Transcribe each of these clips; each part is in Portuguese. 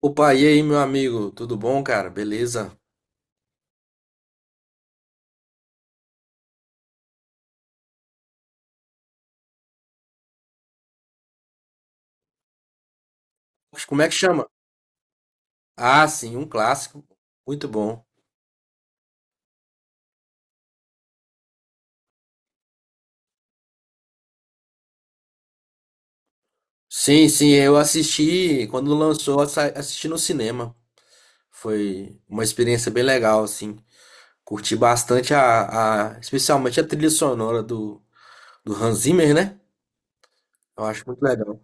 Opa, e aí, meu amigo? Tudo bom, cara? Beleza? Mas como é que chama? Ah, sim, um clássico. Muito bom. Sim, eu assisti quando lançou, assisti no cinema. Foi uma experiência bem legal, assim. Curti bastante especialmente a trilha sonora do Hans Zimmer, né? Eu acho muito legal.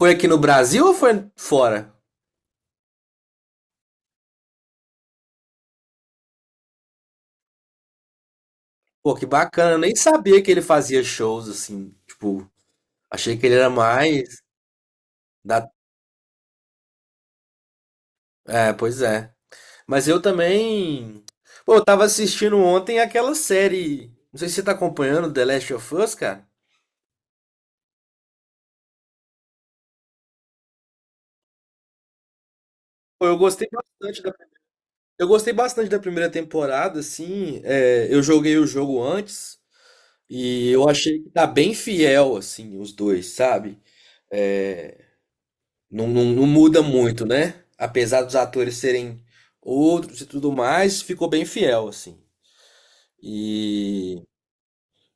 Foi aqui no Brasil ou foi fora? Pô, que bacana. Eu nem sabia que ele fazia shows, assim. Tipo, achei que ele era mais da... É, pois é. Mas eu também. Pô, eu tava assistindo ontem aquela série. Não sei se você tá acompanhando The Last of Us, cara. Pô, eu gostei bastante da primeira temporada, assim. É, eu joguei o jogo antes e eu achei que tá bem fiel, assim, os dois, sabe? É, não, não, não muda muito, né? Apesar dos atores serem outros e tudo mais, ficou bem fiel, assim. E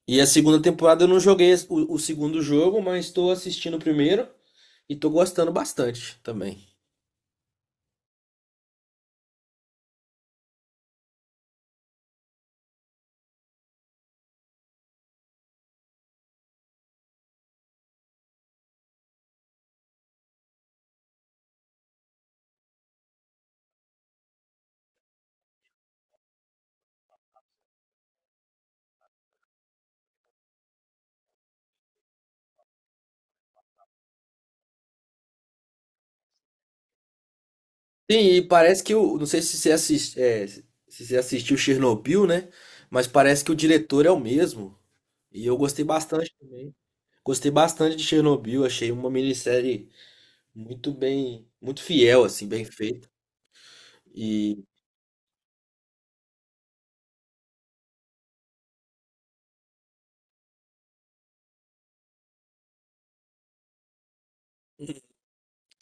E a segunda temporada eu não joguei o segundo jogo, mas estou assistindo o primeiro e estou gostando bastante também. Sim, e parece que o. Não sei se você assist, é, se você assistiu Chernobyl, né? Mas parece que o diretor é o mesmo. E eu gostei bastante também. Gostei bastante de Chernobyl, achei uma minissérie muito fiel, assim, bem feita. E,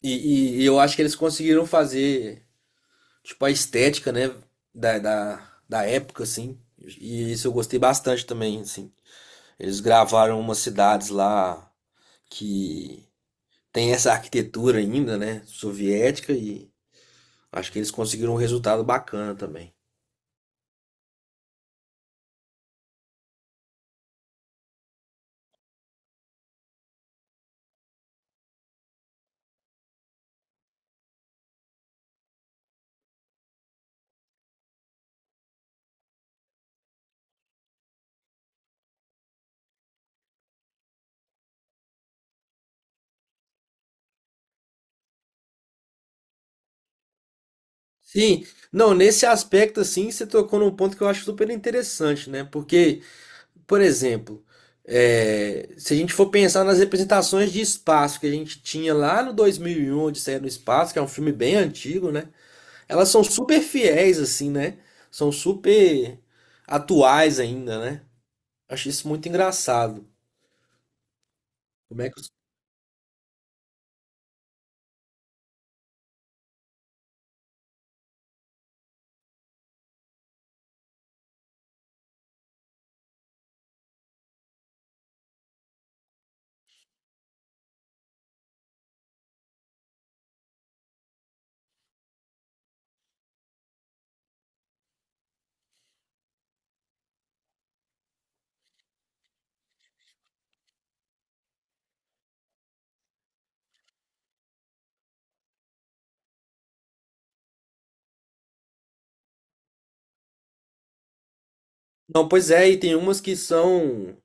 e eu acho que eles conseguiram fazer. Tipo, a estética, né? Da época, assim. E isso eu gostei bastante também, assim. Eles gravaram umas cidades lá que tem essa arquitetura ainda, né? Soviética, e acho que eles conseguiram um resultado bacana também. Sim, não, nesse aspecto, assim, você tocou num ponto que eu acho super interessante, né? Porque, por exemplo, se a gente for pensar nas representações de espaço que a gente tinha lá no 2001, Odisseia no Espaço, que é um filme bem antigo, né? Elas são super fiéis, assim, né? São super atuais ainda, né? Acho isso muito engraçado. Como é que... os- Não, pois é, e tem umas que são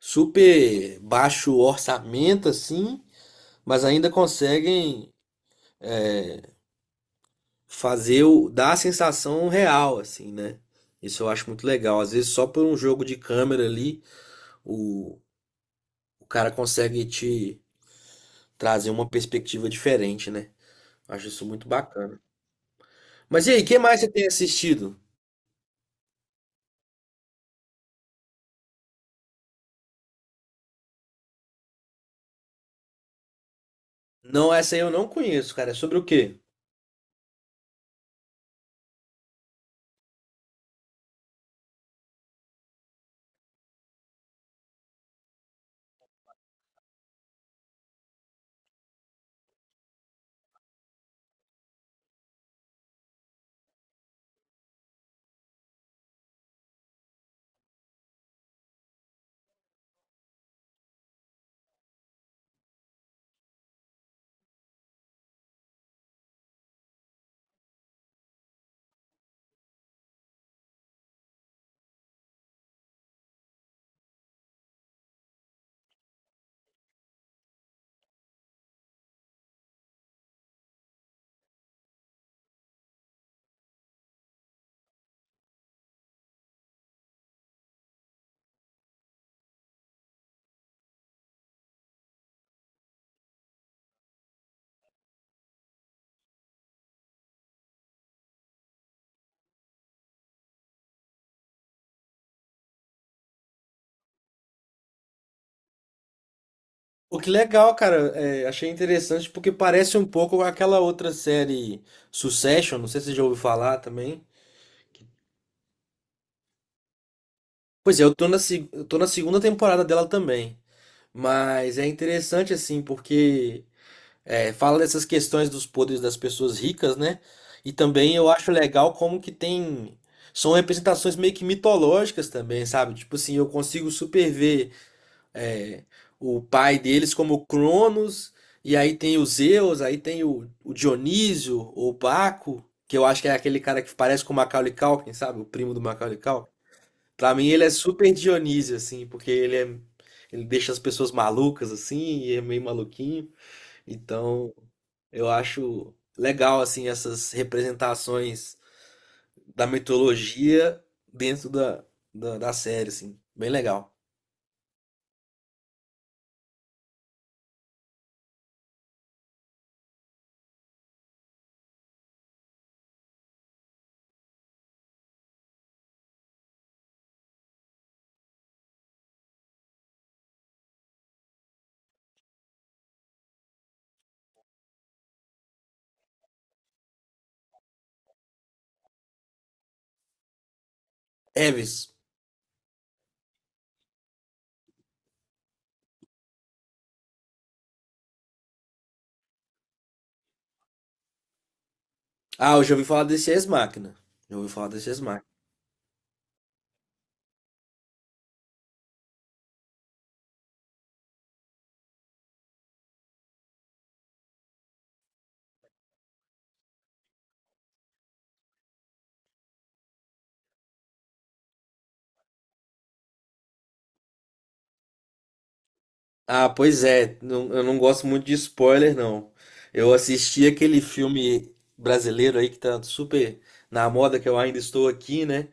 super baixo orçamento, assim, mas ainda conseguem fazer o... dar a sensação real, assim, né? Isso eu acho muito legal. Às vezes, só por um jogo de câmera ali, o, o cara consegue te trazer uma perspectiva diferente, né? Acho isso muito bacana. Mas e aí, o que mais você tem assistido? Não, essa aí eu não conheço, cara. É sobre o quê? O que legal, cara. É, achei interessante porque parece um pouco aquela outra série Succession. Não sei se você já ouviu falar também. Pois é, eu tô na, se- eu tô na segunda temporada dela também. Mas é interessante, assim, porque fala dessas questões dos poderes das pessoas ricas, né? E também eu acho legal como que tem. São representações meio que mitológicas também, sabe? Tipo assim, eu consigo superver é, o pai deles como Cronos, e aí tem o Zeus, aí tem o Dionísio, ou Baco, que eu acho que é aquele cara que parece com o Macaulay Culkin, sabe? O primo do Macaulay Culkin. Pra mim ele é super Dionísio, assim, porque ele deixa as pessoas malucas, assim, e é meio maluquinho. Então eu acho legal, assim, essas representações da mitologia dentro da série, assim. Bem legal. Eves, ah, eu já ouvi falar desse Ex Machina. Já ouvi falar desse Ex Machina. Ah, pois é. Eu não gosto muito de spoiler, não. Eu assisti aquele filme brasileiro aí que tá super na moda, que eu ainda estou aqui, né?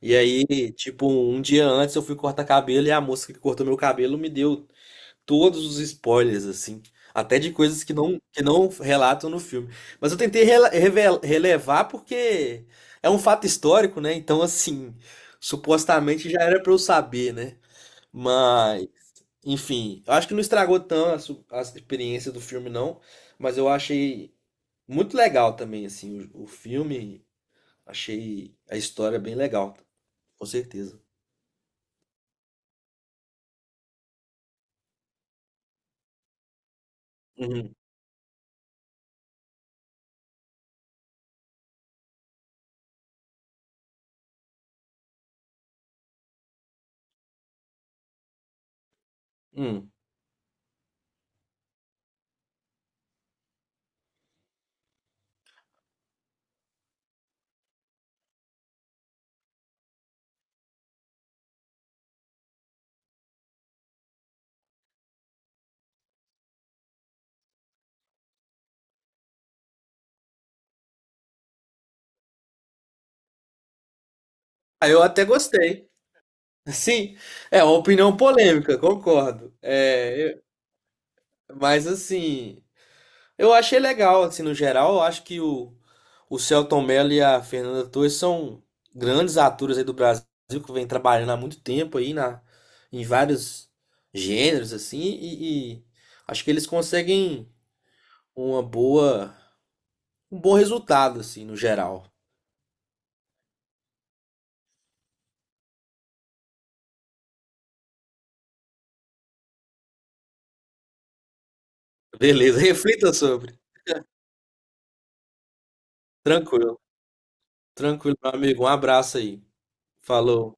E aí, tipo, um dia antes eu fui cortar cabelo e a moça que cortou meu cabelo me deu todos os spoilers, assim. Até de coisas que não relatam no filme. Mas eu tentei relevar porque é um fato histórico, né? Então, assim, supostamente já era pra eu saber, né? Mas, enfim, eu acho que não estragou tão a experiência do filme, não. Mas eu achei muito legal também, assim, o filme. Achei a história bem legal, com certeza. Uhum. Hum. Ah, eu até gostei. Sim, é uma opinião polêmica, concordo. Mas assim, eu achei legal, assim, no geral, eu acho que o Selton Mello e a Fernanda Torres são grandes atores aí do Brasil que vem trabalhando há muito tempo aí na, em vários gêneros, assim, e acho que eles conseguem uma boa, um bom resultado, assim, no geral. Beleza, reflita sobre. Tranquilo, tranquilo, meu amigo. Um abraço aí. Falou.